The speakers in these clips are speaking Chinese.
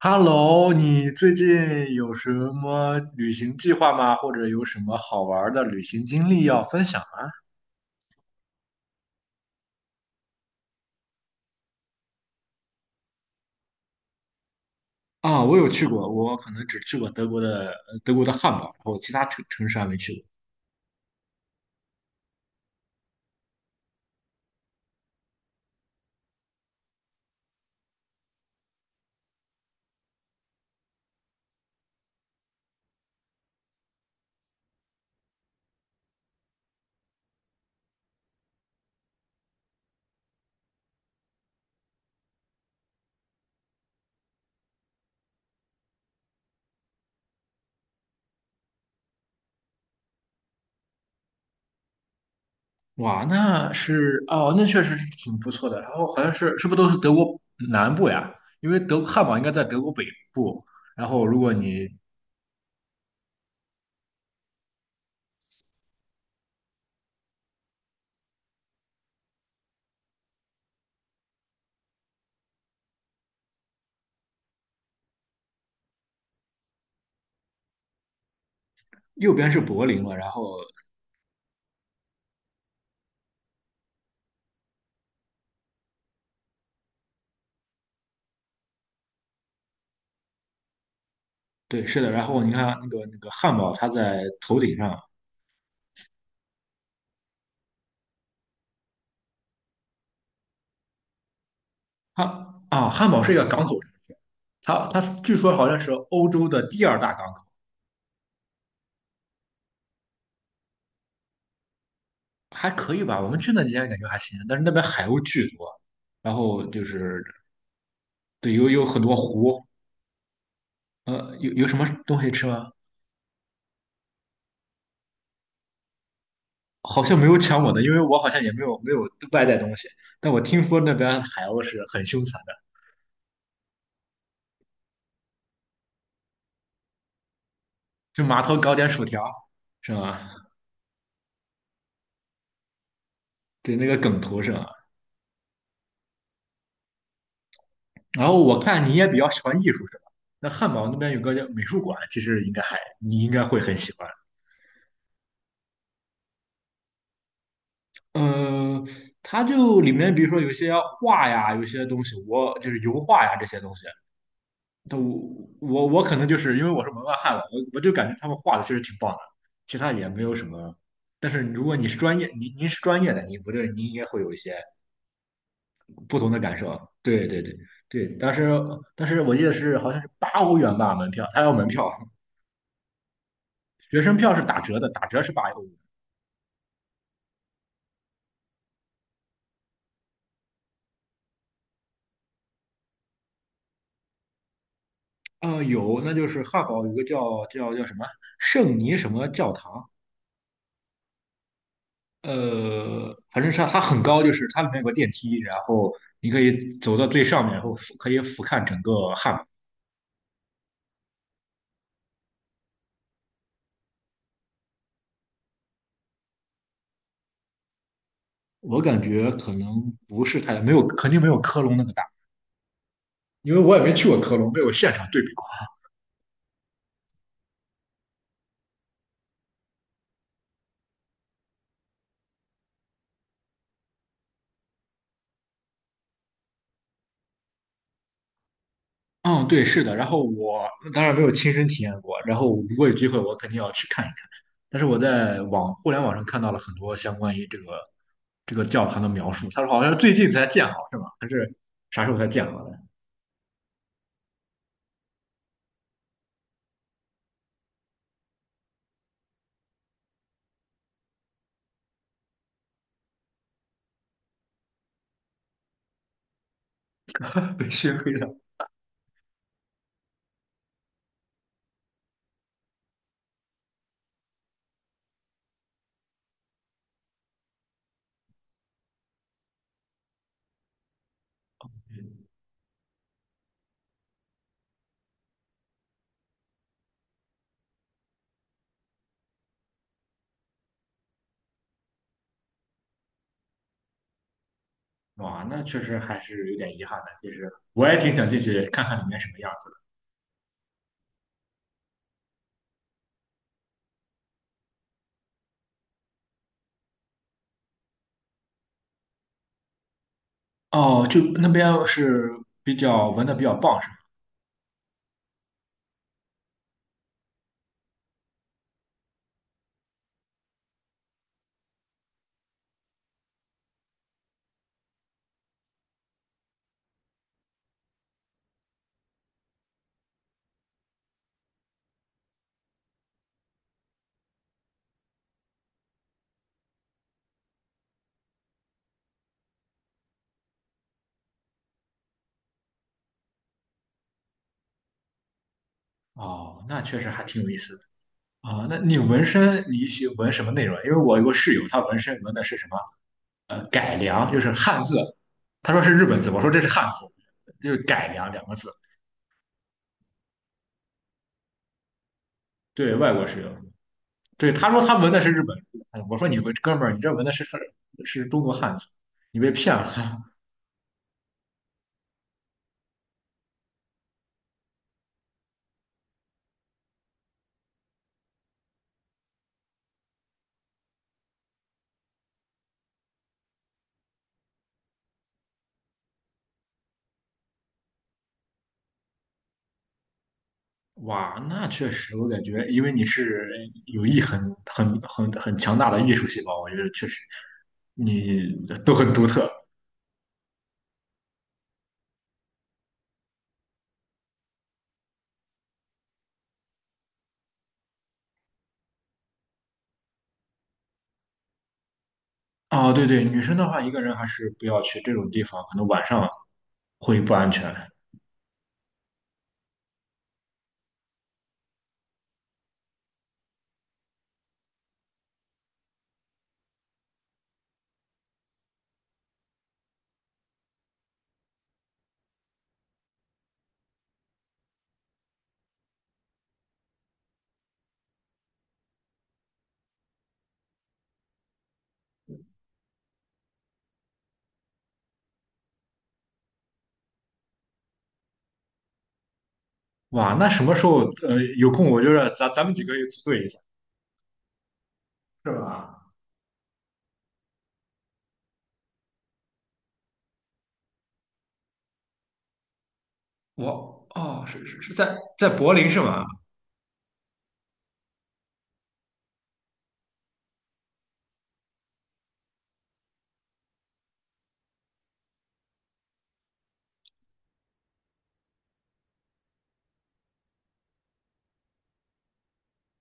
Hello，你最近有什么旅行计划吗？或者有什么好玩儿的旅行经历要分享吗？啊，我有去过，我可能只去过德国的德国的汉堡，然后其他城市还没去过。哇，那是哦，那确实是挺不错的。然后好像是不是都是德国南部呀？因为德汉堡应该在德国北部。然后如果你右边是柏林嘛，然后对，是的，然后你看那个汉堡，它在头顶上，汉汉堡是一个港口，它据说好像是欧洲的第二大港口，还可以吧？我们去那几天感觉还行，但是那边海鸥巨多，然后就是对，有很多湖，有什么东西吃吗？好像没有抢我的，因为我好像也没有外带东西，但我听说那边海鸥是很凶残的，就码头搞点薯条是吗？对，那个梗图是吗？然后我看你也比较喜欢艺术是吧？那汉堡那边有个叫美术馆，其实应该还你应该会很喜欢。呃，它就里面比如说有些画呀，有些东西，我就是油画呀这些东西，都我可能就是因为我是门外汉了，我就感觉他们画的确实挺棒的，其他也没有什么。但是如果你是专业，您是专业的，你不对，您应该会有一些不同的感受。对对，当时但是我记得是好像是八欧元吧门票，他要门票，学生票是打折的，打折是八欧元。嗯，有，那就是汉堡有个叫什么圣尼什么教堂，反正是它很高，就是它里面有个电梯，然后你可以走到最上面，然后可以俯瞰整个汉堡。我感觉可能不是太没有，肯定没有科隆那么大，因为我也没去过科隆，没有现场对比过。嗯，对，是的。然后我当然没有亲身体验过，然后如果有机会，我肯定要去看一看。但是我在互联网上看到了很多相关于这个教堂的描述，他说好像最近才建好，是吗？还是啥时候才建好的？被熏黑了。哇，那确实还是有点遗憾的。其实我也挺想进去看看里面什么样子的。哦，就那边是比较纹的比较棒，是吗？哦，那确实还挺有意思的。啊、那你纹身你喜纹什么内容啊？因为我有个室友，他纹身纹的是什么？改良，就是汉字。他说是日本字，我说这是汉字，就是改良两个字。对外国室友，对他说他纹的是日本字，哎我说你纹哥们儿，你这纹的是中国汉字，你被骗了。哇，那确实，我感觉，因为你是有意很很强大的艺术细胞，我觉得确实你都很独特啊。对对，女生的话，一个人还是不要去这种地方，可能晚上会不安全。哇，那什么时候有空，我觉得咱们几个也组队一下，是吧？我哦，是在在柏林是吗？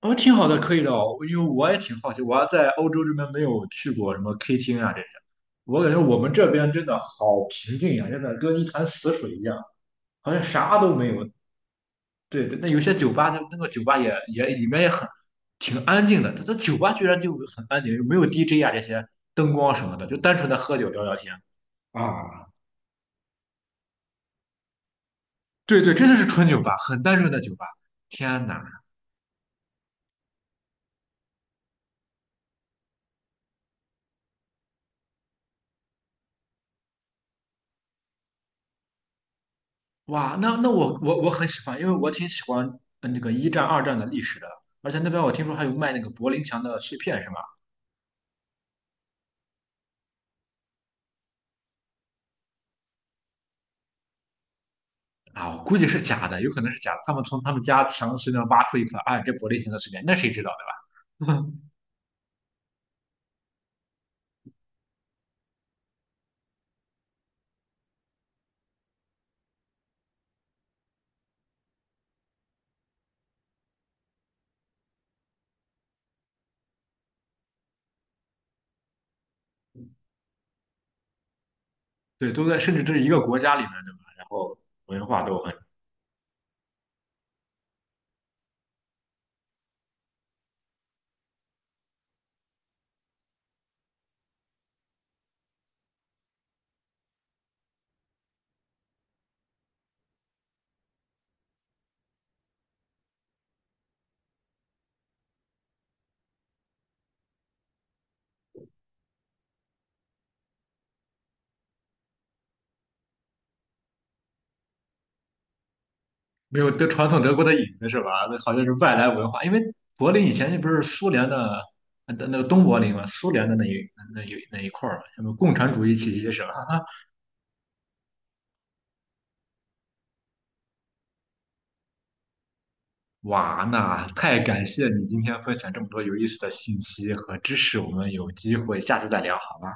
哦，挺好的，可以的哦，因为我也挺好奇，我还在欧洲这边没有去过什么 K 厅啊这些，我感觉我们这边真的好平静呀、真的跟一潭死水一样，好像啥都没有。对对，那有些酒吧，它那个酒吧也也里面也很挺安静的，它酒吧居然就很安静，没有 DJ 啊这些灯光什么的，就单纯的喝酒聊聊天啊。对对，真的是纯酒吧，很单纯的酒吧。天哪！哇，那那我很喜欢，因为我挺喜欢那个一战、二战的历史的，而且那边我听说还有卖那个柏林墙的碎片，是吧？啊，我估计是假的，有可能是假的。他们从他们家墙随便挖出一块，啊，这柏林墙的碎片，那谁知道，对吧？对，都在，甚至这是一个国家里面，对吧？然后文化都很没有德传统德国的影子，是吧？那好像是外来文化，因为柏林以前那不是苏联的那个东柏林嘛，苏联的那一块儿嘛，什么共产主义气息是吧？哇，那太感谢你今天分享这么多有意思的信息和知识，我们有机会下次再聊好吗？